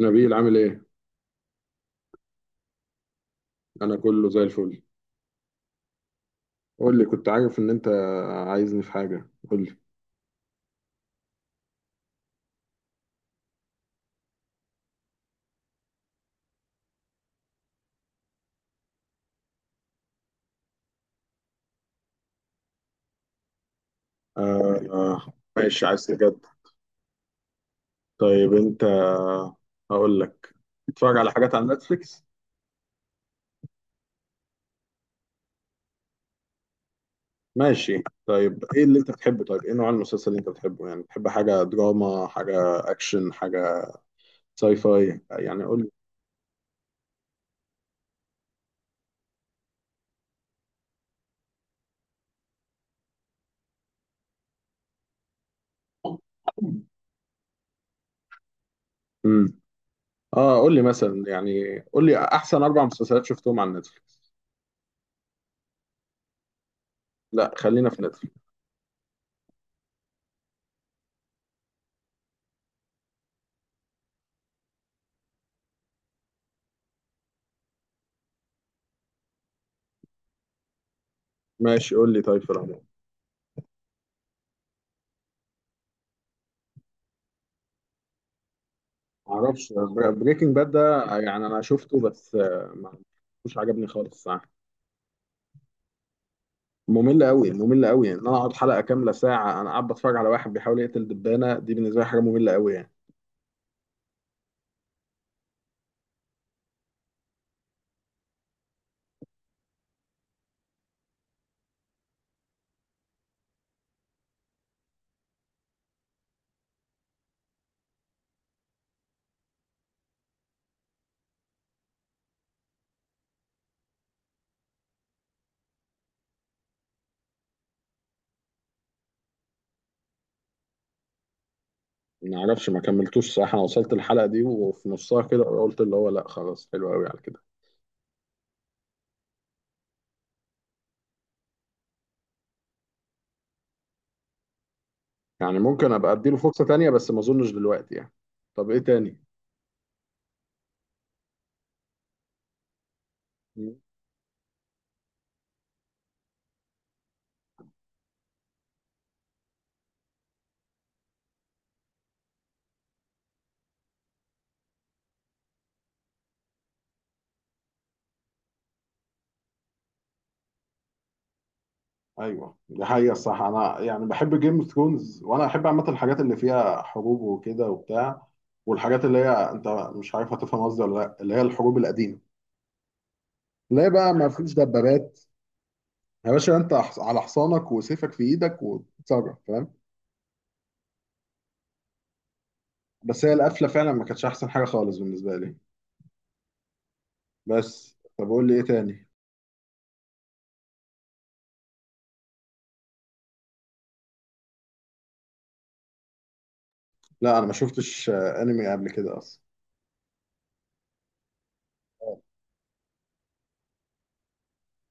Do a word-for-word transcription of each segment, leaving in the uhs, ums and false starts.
نبيل عامل ايه؟ انا كله زي الفل. قول لي، كنت عارف ان انت عايزني في حاجة؟ قول لي. آه آه ماشي، عايز تجد. طيب انت، هقول لك، بتتفرج على حاجات على نتفليكس؟ ماشي، طيب ايه اللي انت بتحبه؟ طيب ايه نوع المسلسل اللي انت بتحبه؟ يعني بتحب حاجة دراما، حاجة اكشن، حاجة ساي فاي؟ يعني قول لي. امم اه قول لي مثلا، يعني قول لي احسن اربع مسلسلات شفتهم على نتفليكس. لا خلينا في نتفليكس. ماشي قول لي، طيب في العموم. معرفش بريكنج باد ده، يعني انا شفته بس آه، ما مش عجبني خالص، صح. ممل قوي ممل قوي، يعني ان انا اقعد حلقه كامله ساعه انا قاعد بتفرج على واحد بيحاول يقتل دبانه، دي بالنسبه لي حاجه ممله قوي يعني. ما اعرفش ما كملتوش، صح، انا وصلت الحلقه دي وفي نصها كده قلت اللي هو لا، خلاص حلو قوي على كده. يعني ممكن ابقى اديله فرصه تانية بس ما اظنش دلوقتي يعني. طب ايه تاني؟ ايوه، دي حقيقة. الصح انا يعني بحب جيم اوف ثرونز، وانا احب عامة الحاجات اللي فيها حروب وكده وبتاع، والحاجات اللي هي انت مش عارف هتفهم قصدي ولا لا، اللي هي الحروب القديمة، اللي هي بقى ما فيش دبابات. يا باشا انت حص- على حصانك وسيفك في ايدك وتتصرف، فاهم. بس هي القفلة فعلا ما كانتش احسن حاجة خالص بالنسبة لي. بس طب قول لي ايه تاني. لا انا ما شفتش آه، انمي قبل كده اصلا.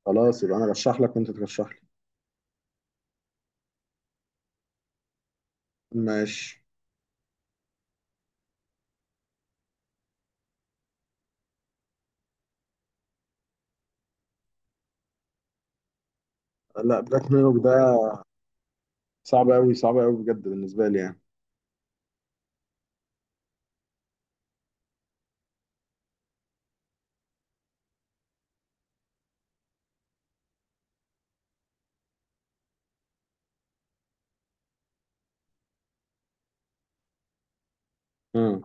خلاص يبقى انا رشح لك وانت ترشح لي. ماشي. لا بلاك ميرور ده صعب قوي صعب قوي بجد بالنسبة لي. يعني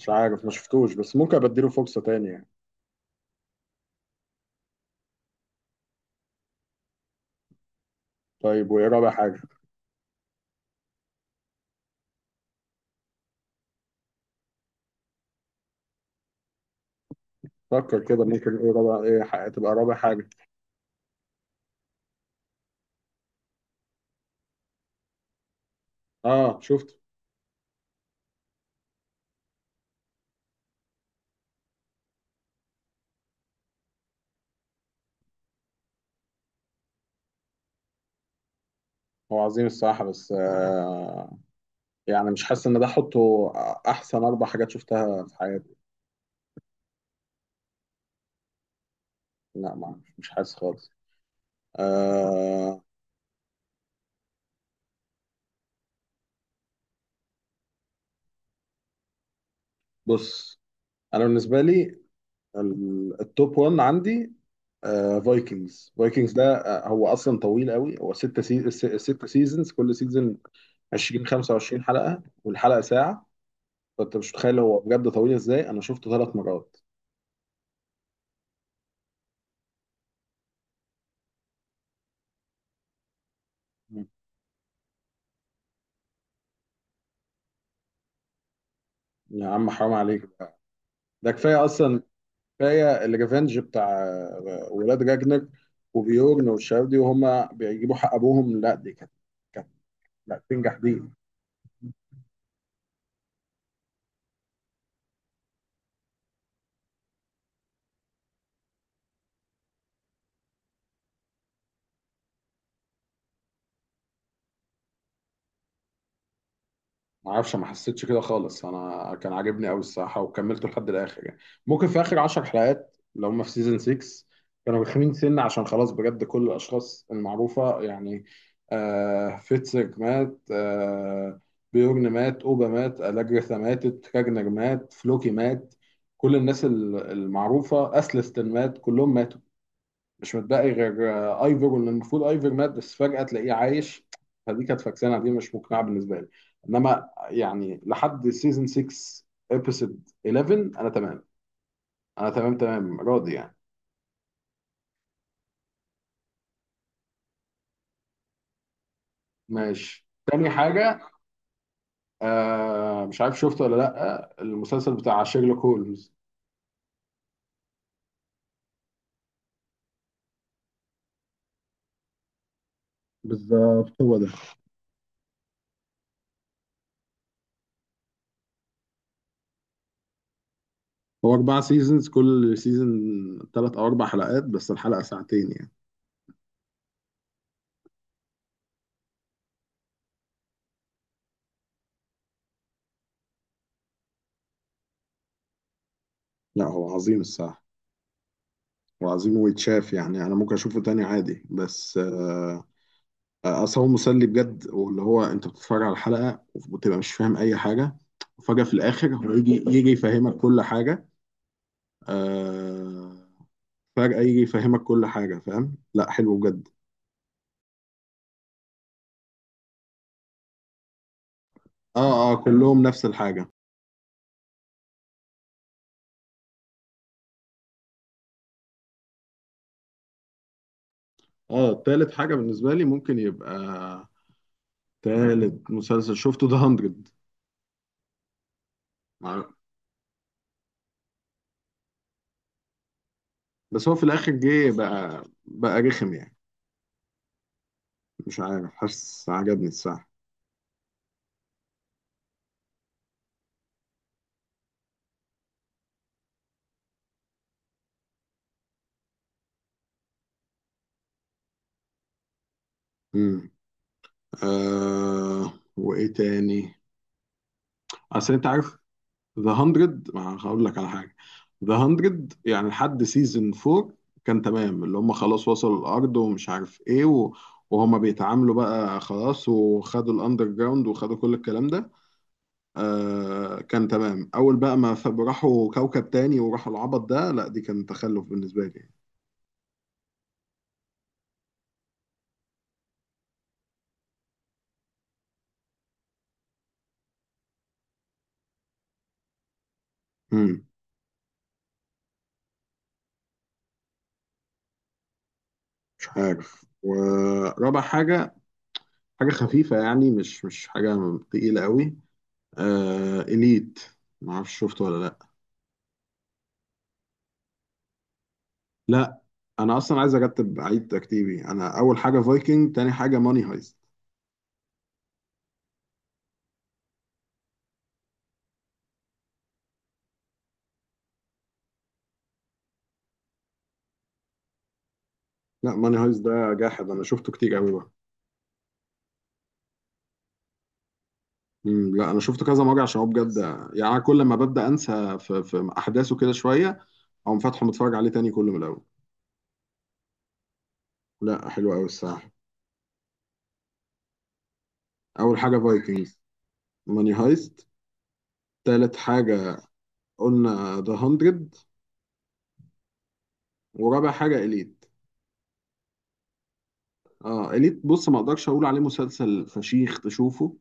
مش عارف ما شفتوش بس ممكن ابديله فرصة تانية يعني. طيب وايه رابع حاجة؟ فكر كده، ممكن ايه رابع، ايه ح- تبقى رابع حاجة. اه شفت. هو عظيم الصراحة بس آه يعني مش حاسس ان ده احطه احسن اربع حاجات شفتها في حياتي. لا ما مش حاسس خالص. آه. بص، انا بالنسبة لي ال- التوب وان عندي فايكنجز فايكنجز ده آه، هو اصلا طويل قوي. هو ست سي... ست سيزونز، كل سيزون عشرين خمسة وعشرين حلقة، والحلقة ساعة. فانت مش متخيل هو بجد طويل ازاي، انا شفته ثلاث مرات. مم. يا عم حرام عليك بقى. ده كفايه اصلا، كفايه الريفنج بتاع آه، ولاد راجنر وبيورن والشباب دي وهم بيجيبوا حق ابوهم، لا دي كانت كانت لا تنجح دي. ما اعرفش، ما حسيتش كده خالص، انا كان عاجبني قوي الصراحه وكملته لحد الاخر يعني. ممكن في اخر عشر حلقات لو هم في سيزون ستة كانوا رخمين سنه، عشان خلاص بجد كل الاشخاص المعروفه يعني. آه فيتسك مات، آه، بيورن مات، اوبا مات، الاجريثا ماتت، كاجنر مات، فلوكي مات، كل الناس ال- المعروفه، اسلستن مات، كلهم ماتوا. مش متبقي غير آه، ايفر، واللي المفروض ايفر مات بس فجأة تلاقيه عايش. فدي كانت فاكسانة، دي مش مقنعة بالنسبة لي. انما يعني لحد سيزون سادس ابيسود احد عشر انا تمام انا تمام تمام راضي يعني. ماشي، تاني حاجة. آه مش عارف شفته ولا لأ المسلسل بتاع شيرلوك هولمز. بالظبط هو ده. هو أربع سيزونز، كل سيزون تلات أو أربع حلقات بس الحلقة ساعتين يعني. لا هو عظيم الصراحة وعظيم ويتشاف يعني، أنا ممكن أشوفه تاني عادي. بس اصل هو مسلي بجد، واللي هو انت بتتفرج على الحلقه وبتبقى مش فاهم اي حاجه وفجاه في الاخر هو يجي يجي يفهمك كل حاجه. آه فجاه يجي يفهمك كل حاجه، فاهم، لا حلو بجد. اه اه كلهم نفس الحاجه. اه تالت حاجه بالنسبه لي ممكن يبقى تالت مسلسل شفته ده هاندرد. مع- بس هو في الاخر جه بقى بقى رخم يعني. مش عارف، حاسس عجبني الصراحه. امم. آه وايه تاني. اصل انت عارف ذا هاندرد، ما هقول لك على حاجه. ذا هاندرد يعني لحد سيزون رابع كان تمام، اللي هم خلاص وصلوا الارض ومش عارف ايه و... وهما بيتعاملوا بقى خلاص وخدوا الاندر جراوند وخدوا كل الكلام ده. آه كان تمام، اول بقى ما ف- راحوا كوكب تاني وراحوا العبط ده، لا دي كان تخلف بالنسبه لي. امم. مش عارف. ورابع حاجه، حاجه خفيفه يعني، مش مش حاجه تقيله قوي، آه اليت. ما اعرفش شفته ولا لا. لا انا اصلا عايز ارتب، عيد ترتيبي: انا اول حاجه فايكنج، تاني حاجه ماني هايست. لا ماني هايست ده جاحد، انا شفته كتير قوي بقى. مم، لا انا شفته كذا مره عشان هو بجد يعني. أنا كل ما ببدا انسى في, في احداثه كده شويه، اقوم فاتحه متفرج عليه تاني كله من الاول. لا حلو قوي الصراحه. اول حاجه فايكنجز، ماني هايست، تالت حاجه قلنا ذا هاندرد، ورابع حاجه اليت. اه اليت، بص، ما اقدرش اقول عليه مسلسل فشيخ تشوفه،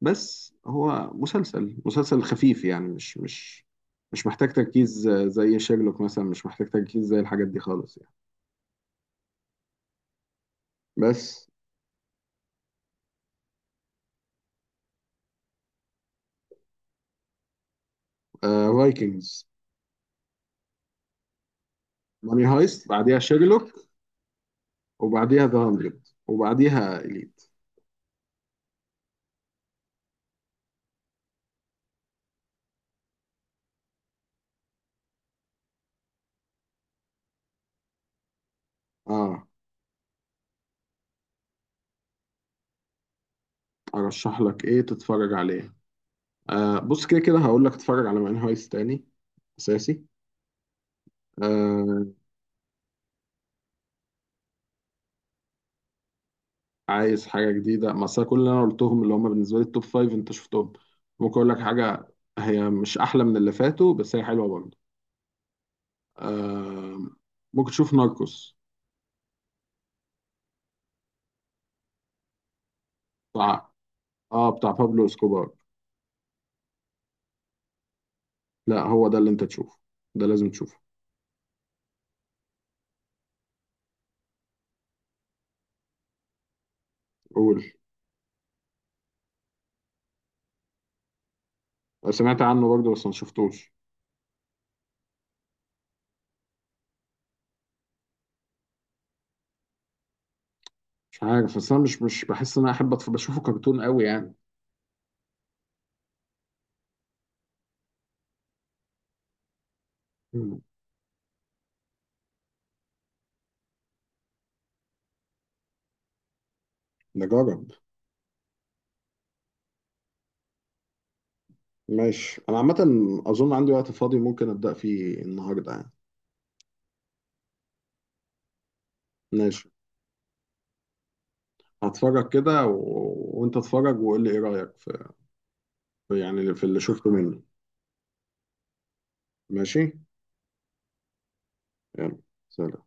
بس هو مسلسل مسلسل خفيف يعني، مش مش مش محتاج تركيز زي شيرلوك مثلا، مش محتاج تركيز زي الحاجات دي خالص يعني. بس فايكنجز، ماني هايست، بعديها شيرلوك، وبعديها ذا مية، وبعديها إليت. اه ارشح لك ايه تتفرج عليه. آه بص كده كده هقول لك تتفرج على ماني هايست تاني اساسي. آه عايز حاجه جديده؟ ما أصل كل اللي انا قلتهم اللي هم بالنسبه لي التوب فايف انت شفتهم. ممكن اقول لك حاجه، هي مش احلى من اللي فاتوا بس هي حلوه برضه. آه. ممكن تشوف ناركوس. بتاع، اه بتاع بابلو اسكوبار. لا هو ده اللي انت تشوفه، ده لازم تشوفه. قول. أنا سمعت عنه برضه بس ما شفتوش. مش عارف بس انا مش مش بحس ان انا احب أتف- بشوفه كرتون قوي يعني. مم. نجرب. ماشي انا عامه اظن عندي وقت فاضي ممكن ابدا فيه النهارده يعني. ماشي. هتفرج كده و... وانت اتفرج وقول لي ايه رايك في في- يعني في اللي شفته منه. ماشي. يلا. سلام.